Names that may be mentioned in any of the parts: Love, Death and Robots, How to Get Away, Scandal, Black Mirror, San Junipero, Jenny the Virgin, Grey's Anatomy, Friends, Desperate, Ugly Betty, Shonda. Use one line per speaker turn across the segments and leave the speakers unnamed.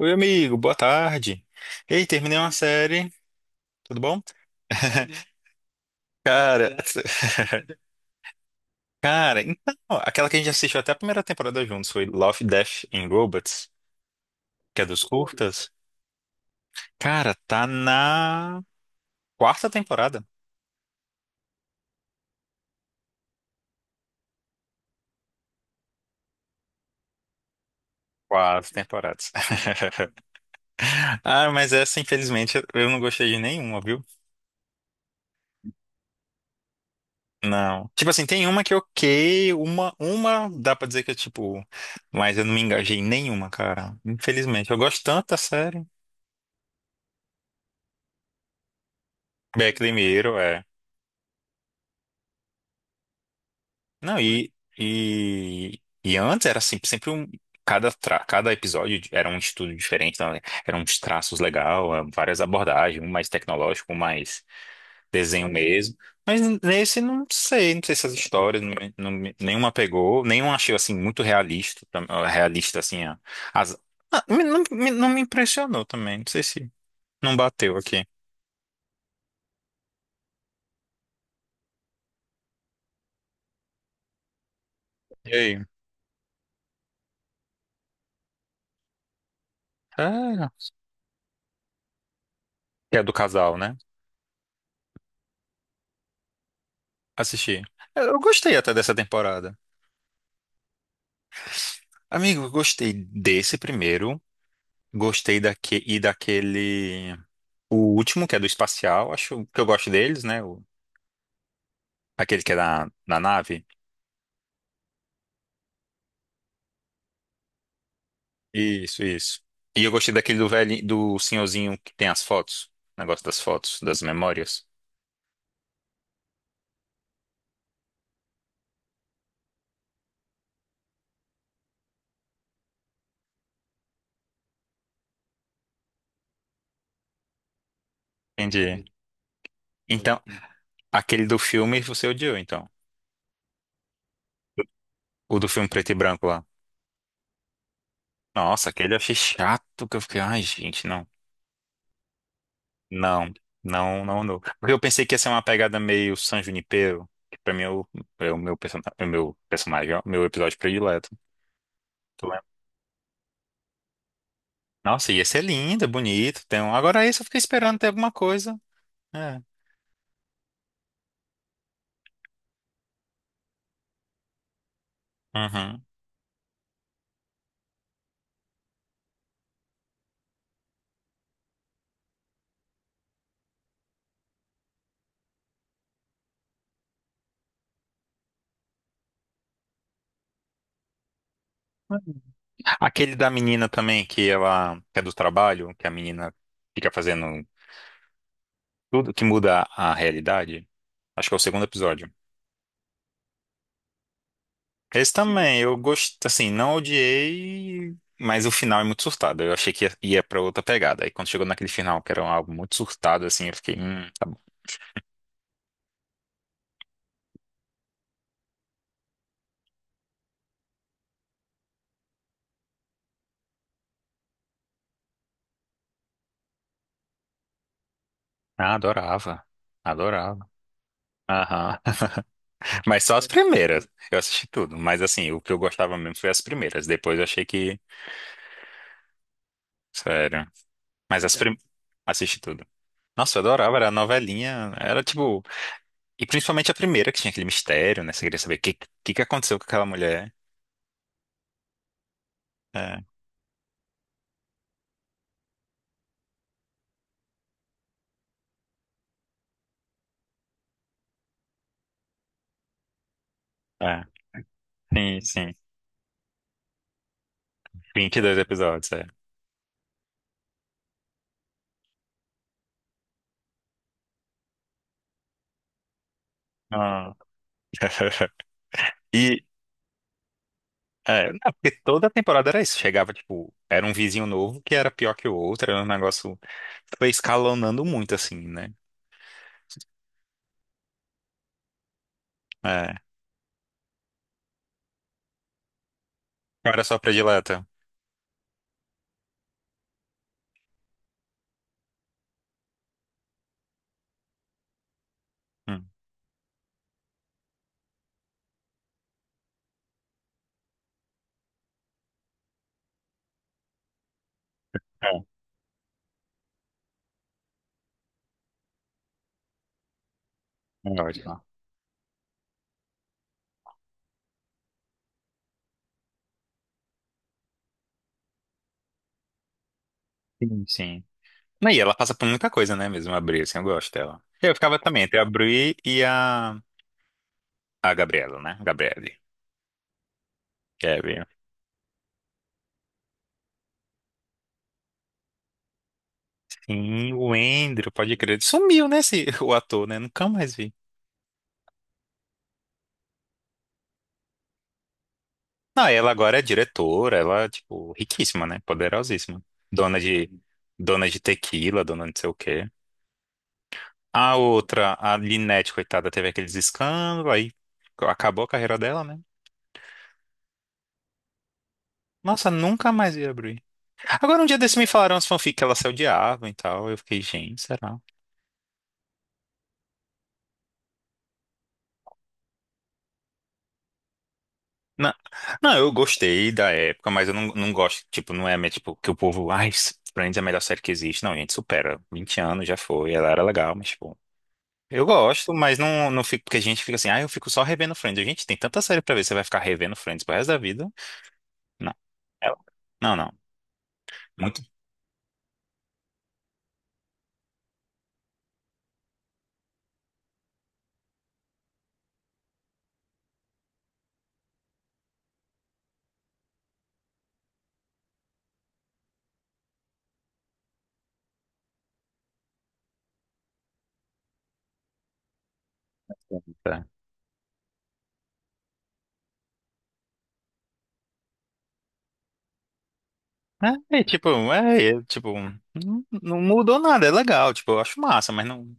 Oi, amigo, boa tarde. Ei, terminei uma série, tudo bom? Cara, cara, então, aquela que a gente assistiu até a primeira temporada juntos foi Love, Death and Robots, que é dos curtas. Cara, tá na quarta temporada. Quatro temporadas. Ah, mas essa, infelizmente, eu não gostei de nenhuma, viu? Não. Tipo assim, tem uma que é ok, uma dá pra dizer que é tipo, mas eu não me engajei em nenhuma, cara. Infelizmente, eu gosto tanto da série. Black Mirror, é. Não, e antes era sempre um. Cada, cada episódio era um estudo diferente, então, eram uns traços legais, várias abordagens, um mais tecnológico, um mais desenho mesmo. Mas nesse não sei, não sei se as histórias, não, nenhuma pegou, nenhuma achei assim muito realista, realista assim, a- as, ah, me- não, me não me impressionou também, não sei se não bateu aqui. E aí? Ah, que é do casal, né? Assisti. Eu gostei até dessa temporada. Amigo, eu gostei desse primeiro, gostei daque e daquele, o último, que é do espacial, acho que eu gosto deles, né? Aquele que é na, na nave. Isso, isso. E eu gostei daquele do velho, do senhorzinho que tem as fotos, negócio das fotos, das memórias. Entendi. Então, aquele do filme você odiou, então. O do filme preto e branco lá. Nossa, aquele eu achei chato, que eu fiquei, ai, gente, não. Não, não, não, não. Porque eu pensei que ia ser uma pegada meio San Junipero, que pra mim é o, é o meu, é o meu personagem, é o meu episódio predileto. Tu lembra? Nossa, ia ser lindo, bonito. Tem um... Agora esse eu fiquei esperando ter alguma coisa. É. Uhum. Aquele da menina também, que ela que é do trabalho, que a menina fica fazendo tudo que muda a realidade. Acho que é o segundo episódio. Esse também, eu gostei, assim, não odiei, mas o final é muito surtado. Eu achei que ia pra outra pegada. Aí quando chegou naquele final, que era um álbum muito surtado, assim, eu fiquei, tá bom. Ah, adorava, adorava. Aham. Mas só as primeiras, eu assisti tudo. Mas assim, o que eu gostava mesmo foi as primeiras. Depois eu achei que, sério. Mas as primeiras, assisti tudo. Nossa, eu adorava, era a novelinha, era tipo, e principalmente a primeira, que tinha aquele mistério, né? Você queria saber o que, que aconteceu com aquela mulher. É, é. Sim, sim. 22 episódios, é. Ah. E, é, não, porque toda temporada era isso. Chegava, tipo, era um vizinho novo que era pior que o outro, era um negócio. Foi escalonando muito, assim, né? É. Qual era só predileta. Hum. É, é ótimo. Sim, sim. Não, e ela passa por muita coisa, né, mesmo, a Bri, assim, eu gosto dela. Eu ficava também entre a Bri e a... A Gabriela, né? Gabriele. Kevin. Sim, o Andrew, pode crer. Sumiu, né, esse, o ator, né? Nunca mais vi. Não, ela agora é diretora, ela, tipo, riquíssima, né? Poderosíssima. Dona de, dona de tequila, dona de não sei o quê. A outra, a Linette, coitada, teve aqueles escândalos, aí acabou a carreira dela, né? Nossa, nunca mais ia abrir. Agora, um dia desse me falaram as fanfic que ela se odiava e tal. Eu fiquei, gente, será? Não, não, eu gostei da época, mas eu não, não gosto, tipo, não é minha, tipo, que o povo, ai, Friends é a melhor série que existe. Não, gente, supera. 20 anos já foi, ela era legal, mas, tipo. Eu gosto, mas não, não fico, porque a gente fica assim, ah, eu fico só revendo Friends. Gente, tem tanta série pra ver, você vai ficar revendo Friends pro resto da vida? Não. Ela- Não, não. Muito. Tanta. É, tipo, não, não mudou nada, é legal, tipo, eu acho massa, mas não,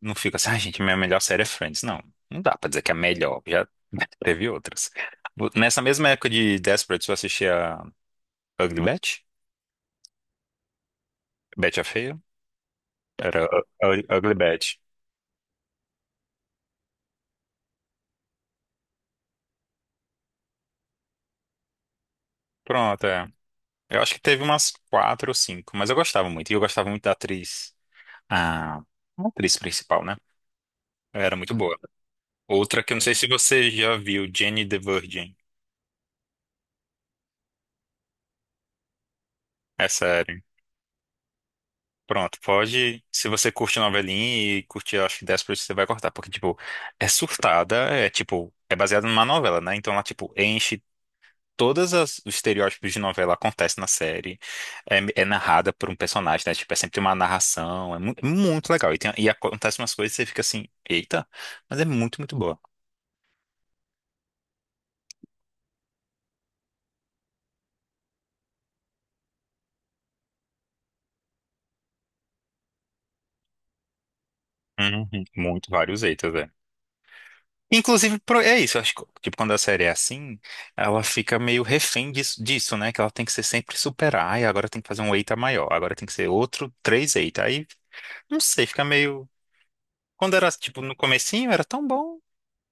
não fico assim, ah, gente, minha melhor série é Friends. Não, não dá pra dizer que é a melhor, já teve outras. Nessa mesma época de Desperate, eu assistia Ugly Betty, Betty a Feia, era Ugly Betty. Pronto, é. Eu acho que teve umas quatro ou cinco, mas eu gostava muito. E eu gostava muito da atriz, a atriz principal, né? Ela era muito boa. Outra que eu não sei se você já viu, Jenny the Virgin. É sério. Pronto, pode. Se você curte novelinha e curte, acho que 10%, você vai cortar. Porque, tipo, é surtada, é tipo, é baseada numa novela, né? Então ela, tipo, enche todas os estereótipos de novela acontecem na série. É, é narrada por um personagem, né? Tipo, é sempre uma narração. É muito legal. E, tem, e acontece umas coisas e você fica assim, eita, mas é muito, muito boa. Uhum, muito, vários eitas, é. Inclusive, é isso, eu acho que tipo, quando a série é assim, ela fica meio refém disso, né? Que ela tem que ser sempre superar, ai, agora tem que fazer um eita maior, agora tem que ser outro três eita. Aí, não sei, fica meio. Quando era, tipo, no comecinho, era tão bom.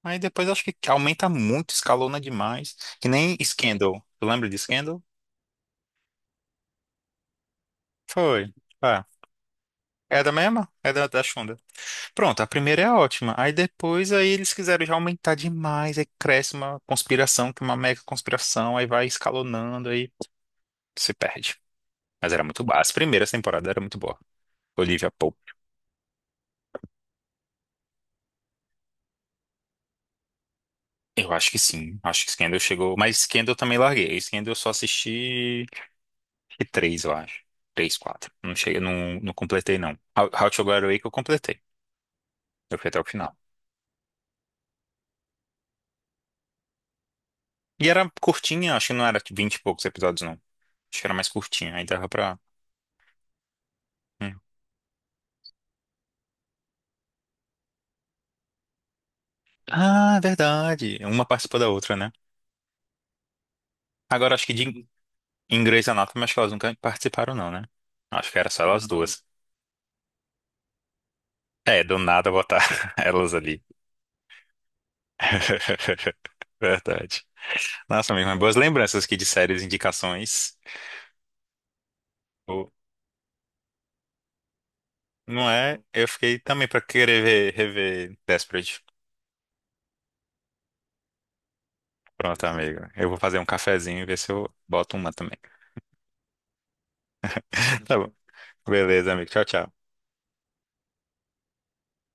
Aí depois acho que aumenta muito, escalona demais. Que nem Scandal. Tu lembra de Scandal? Foi. Ah, é da mesma? É da, da Shonda. Pronto, a primeira é ótima. Aí depois aí eles quiseram já aumentar demais. Aí cresce uma conspiração, que é uma mega conspiração. Aí vai escalonando, aí se perde. Mas era muito boa. As primeiras temporadas eram muito boa. Olivia Pope. Eu acho que sim. Acho que Scandal chegou. Mas Scandal eu também larguei. Scandal eu só assisti e três, eu acho. Três, quatro. Não cheguei, não, não completei, não. How to Get Away que eu completei. Eu fui até o final. E era curtinha, acho que não era vinte e poucos episódios, não. Acho que era mais curtinha, aí dava pra. Hum. Ah, verdade. Uma participa da outra, né? Agora acho que de em Grey's Anatomy, acho que elas nunca participaram, não, né? Acho que era só elas duas. É, do nada botar elas ali. Verdade. Nossa, amigo, mas boas lembranças aqui de séries, indicações. Não é? Eu fiquei também pra querer ver, rever Desperate. Pronto, amigo. Eu vou fazer um cafezinho e ver se eu boto uma também. Tá bom. Beleza, amigo. Tchau, tchau.